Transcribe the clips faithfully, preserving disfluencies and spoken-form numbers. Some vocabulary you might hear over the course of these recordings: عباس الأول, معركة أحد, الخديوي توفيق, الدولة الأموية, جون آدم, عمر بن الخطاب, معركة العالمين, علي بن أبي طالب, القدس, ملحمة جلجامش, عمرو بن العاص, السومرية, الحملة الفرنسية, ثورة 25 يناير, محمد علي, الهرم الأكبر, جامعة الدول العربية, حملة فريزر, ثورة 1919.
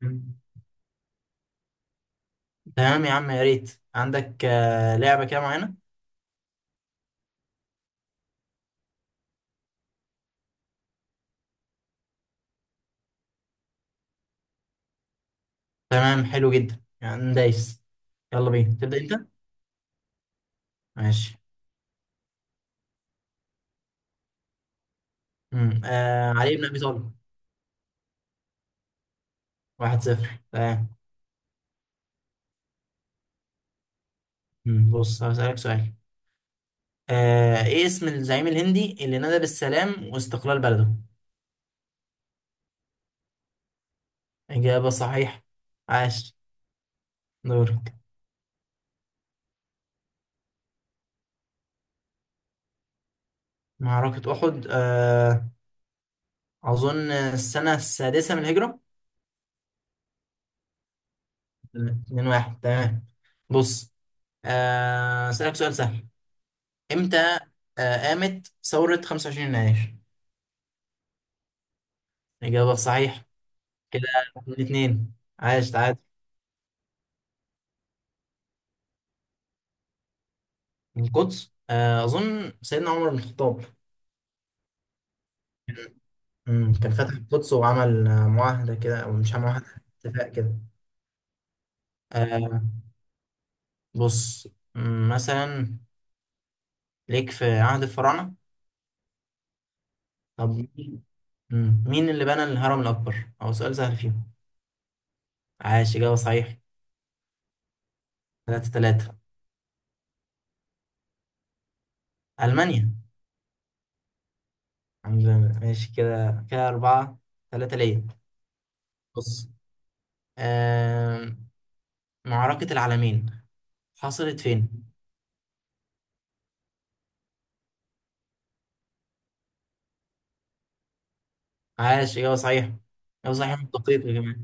مم. تمام يا عم، يا ريت عندك آه، لعبة كده معينة. تمام حلو جدا يعني دايس. يلا بينا تبدأ انت. ماشي. مم. آه علي بن ابي طالب. واحد صفر، تمام. مم. بص هسألك سؤال. آه ايه اسم الزعيم الهندي اللي نادى بالسلام واستقلال بلده؟ إجابة صحيحة. عاش. دورك. معركة أحد، آه أظن السنة السادسة من الهجرة. اتنين واحد، تمام. بص، آه أسألك سؤال سهل. امتى آه، قامت ثورة 25 يناير؟ الإجابة الصحيحة. كده الاثنين. عاش، تعادل. القدس، آه، أظن سيدنا عمر بن الخطاب. مم، كان فتح القدس وعمل آه، معاهدة كده، أو مش معاهدة، اتفاق كده. آه، بص. مم، مثلا ليك في عهد الفراعنة. طب مين مم، مين اللي بنى الهرم الأكبر؟ أو سؤال سهل فيهم. عاش، إجابة صحيحة. ثلاثة ثلاثة. ألمانيا. الحمد لله، ماشي، كده كده أربعة ثلاثة ليا. بص، آم، معركة العالمين حصلت فين؟ عاش، ايوه صحيح. ايوه صحيح بالدقيق يا جماعة.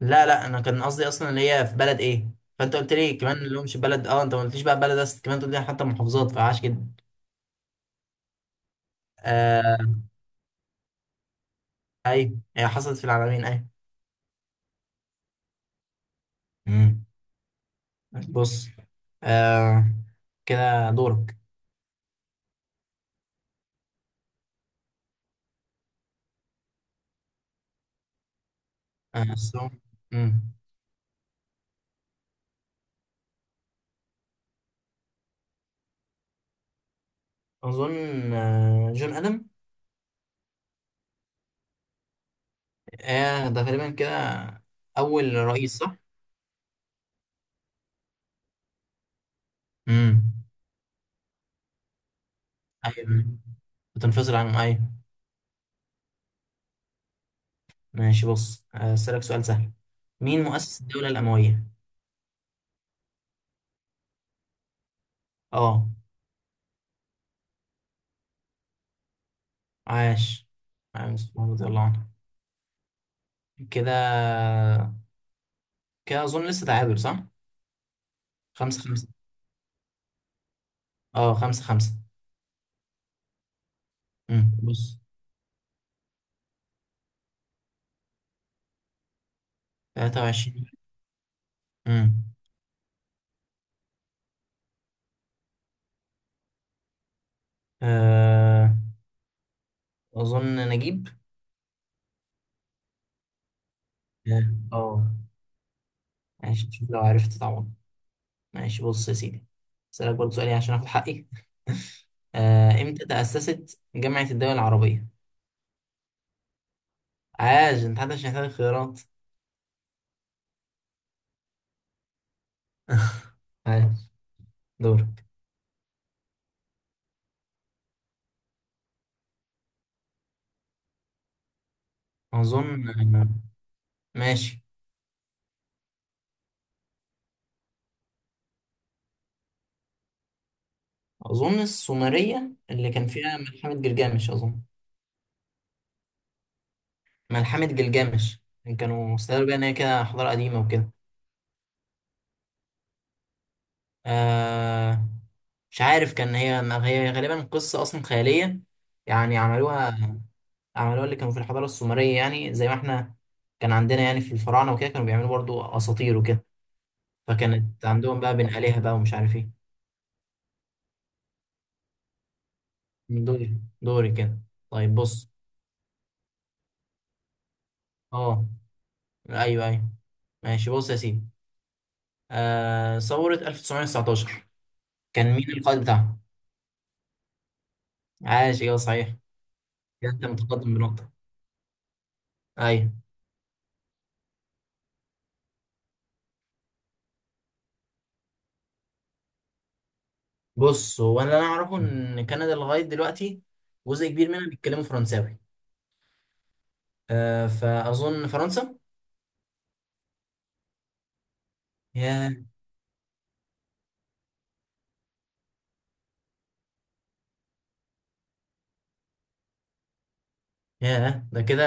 لا لا، انا كان قصدي اصلا اللي هي في بلد ايه؟ فانت قلت لي كمان اللي هو مش بلد، اه انت ما قلتليش بقى بلد، بس كمان قلت لي حتى محافظات، فعاش جدا. آه ايوه، هي حصلت في العالمين، ايوه. مم. بص، آه كده دورك. آه بس هو- مم. اظن آه جون ادم. آه ده تقريبا كده اول رئيس، صح؟ مم. ايوه، بتنفصل عن، ايوه. ماشي، بص هسألك سؤال سهل. مين مؤسس الدولة الأموية؟ اه. عاش. عاش مسعود رضي الله عنه. كده كده أظن لسه تعادل، صح؟ خمسة خمسة. اه، خمسة خمسة. امم بص. تلاتة وعشرين. امم آه، أظن نجيب. اه. آه. ماشي، شوف لو عرفت طبعا. ماشي، بص يا سيدي، أسألك برضه سؤالي عشان آخد حقي. آه، إمتى تأسست جامعة الدول العربية؟ عاش، انت حتى مش محتاج خيارات. عاش. دورك. اظن. ماشي. اظن السومرية اللي كان فيها ملحمة جلجامش، اظن. ملحمة جلجامش، يعني كانوا استدلوا بيها ان هي كده حضارة قديمة وكده. آه مش عارف، كان هي، ما هي غالبا قصة اصلا خيالية، يعني عملوها. عملوها اللي كانوا في الحضارة السومرية، يعني زي ما احنا كان عندنا، يعني في الفراعنة وكده، كانوا بيعملوا برضو اساطير وكده. فكانت عندهم بقى بين آلهة بقى، ومش عارف ايه. دوري دوري كده. طيب بص. اه، ايوه ايوه. ماشي، بص يا سيدي. آه ثورة ألف وتسعمية وتسعتاشر، كان مين القائد بتاعها؟ عاش، ايوه صحيح. كده انت متقدم بنقطة. ايوه. بص، هو انا اللي انا اعرفه ان كندا لغاية دلوقتي جزء كبير منها بيتكلموا فرنساوي. آه فاظن فرنسا. ياه. ياه ده كده.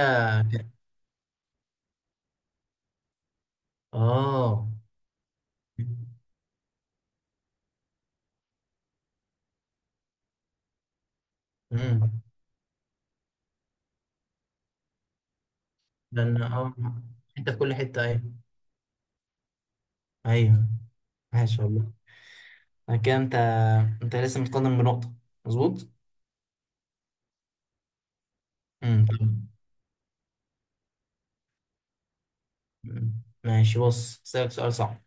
اه. امم. لان اه حتة في كل حتة. ايوه. ايوه عاش والله. كده انت انت لسه متقدم بنقطة، مظبوط؟ امم مم. ماشي، بص اسألك سؤال صعب.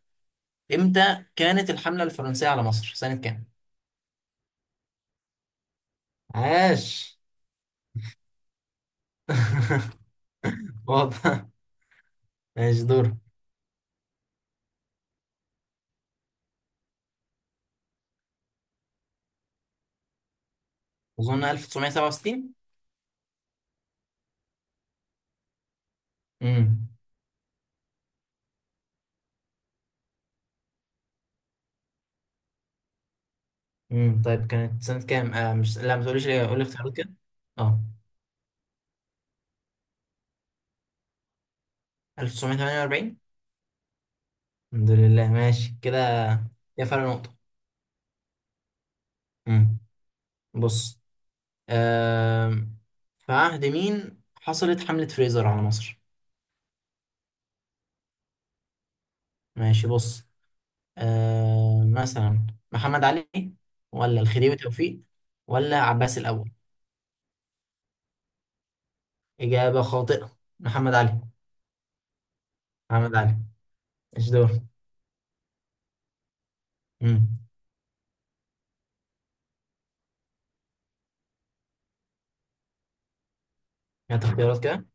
امتى كانت الحملة الفرنسية على مصر، سنة كام؟ عاش. واضح. ماشي، دور. اظن ألف وتسعمية وسبعة وستين. امم امم طيب كانت سنة كام؟ آه مش لا، ما تقوليش ليه، قول لي اختيارات كده. اه، ألف وتسعمية وتمنية وأربعين. الحمد لله، ماشي كده. يا فرق نقطة. امم بص، آم، في عهد مين حصلت حملة فريزر على مصر؟ ماشي، بص، آه مثلا محمد علي، ولا الخديوي توفيق، ولا عباس الأول؟ إجابة خاطئة، محمد علي. محمد علي، ايش دور. امم هات اختيارات كده.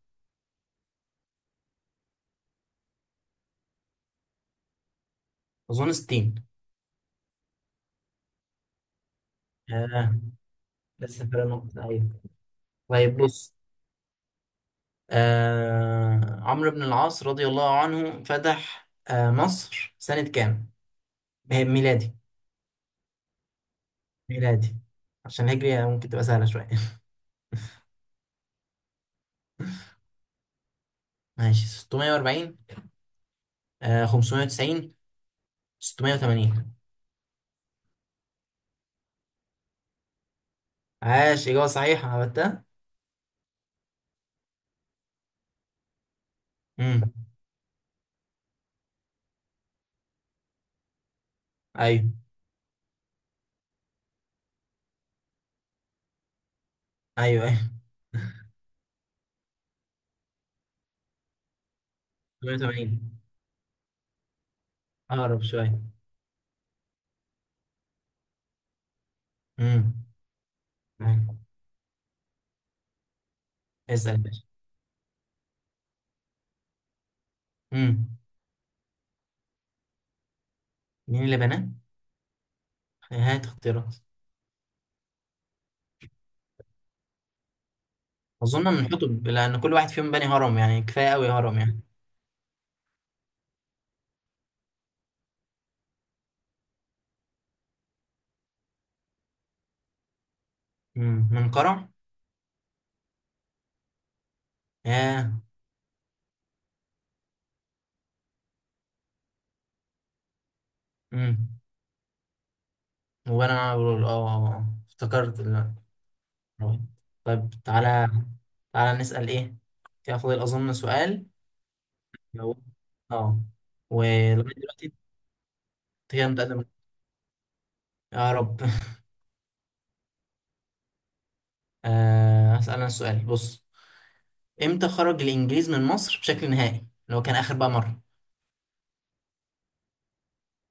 أظن ستين. آه لسه فرق نقطة، أيوة. طيب بص، آه عمرو بن العاص رضي الله عنه فتح آه مصر سنة كام؟ به- ميلادي. ميلادي، عشان الهجري ممكن تبقى سهلة شوية. ماشي، ستمية وأربعين، آه خمسمية وتسعين، ستمائة وثمانون. عاش، إجابة صحيحة، عملتها. امم ايوه ايوه ايوه، تمانية وتمانين اقرب شويه. امم أيوة. اسال يا باشا. امم مين اللي بناه؟ هات اختيارات. اظن من حطب، لان كل واحد فيهم بني هرم، يعني كفايه قوي هرم يعني. امم منقرع. ياه. امم وانا أنا بقول اه آه، آه. افتكرت ال- طيب تعالى، تعالى نسال ايه، كده فاضل اظن سؤال. لو- اه ولغايه دلوقتي. هي متقدمه، يا رب. آه، هسأل أنا السؤال، بص. امتى خرج الانجليز من مصر بشكل نهائي؟ اللي هو كان اخر بقى مره.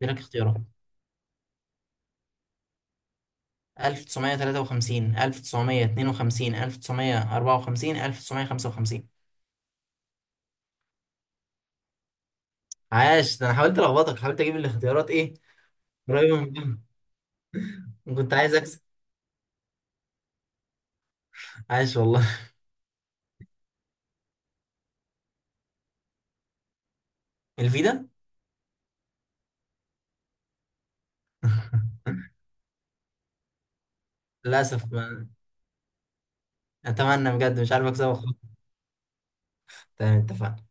دي لك اختيارات. ألف وتسعمية وتلاتة وخمسين، ألف وتسعمائة واثنين وخمسون، ألف وتسعمية وأربعة وخمسين، ألف وتسعمية وخمسة وخمسين. عاش. ده انا حاولت الخبطك، حاولت اجيب الاختيارات ايه، قريبه من بعض. كنت عايز اكسب. عاش والله. الفيدا. للاسف، ما. اتمنى بجد، مش عارف اكسبك خالص. تمام، اتفقنا.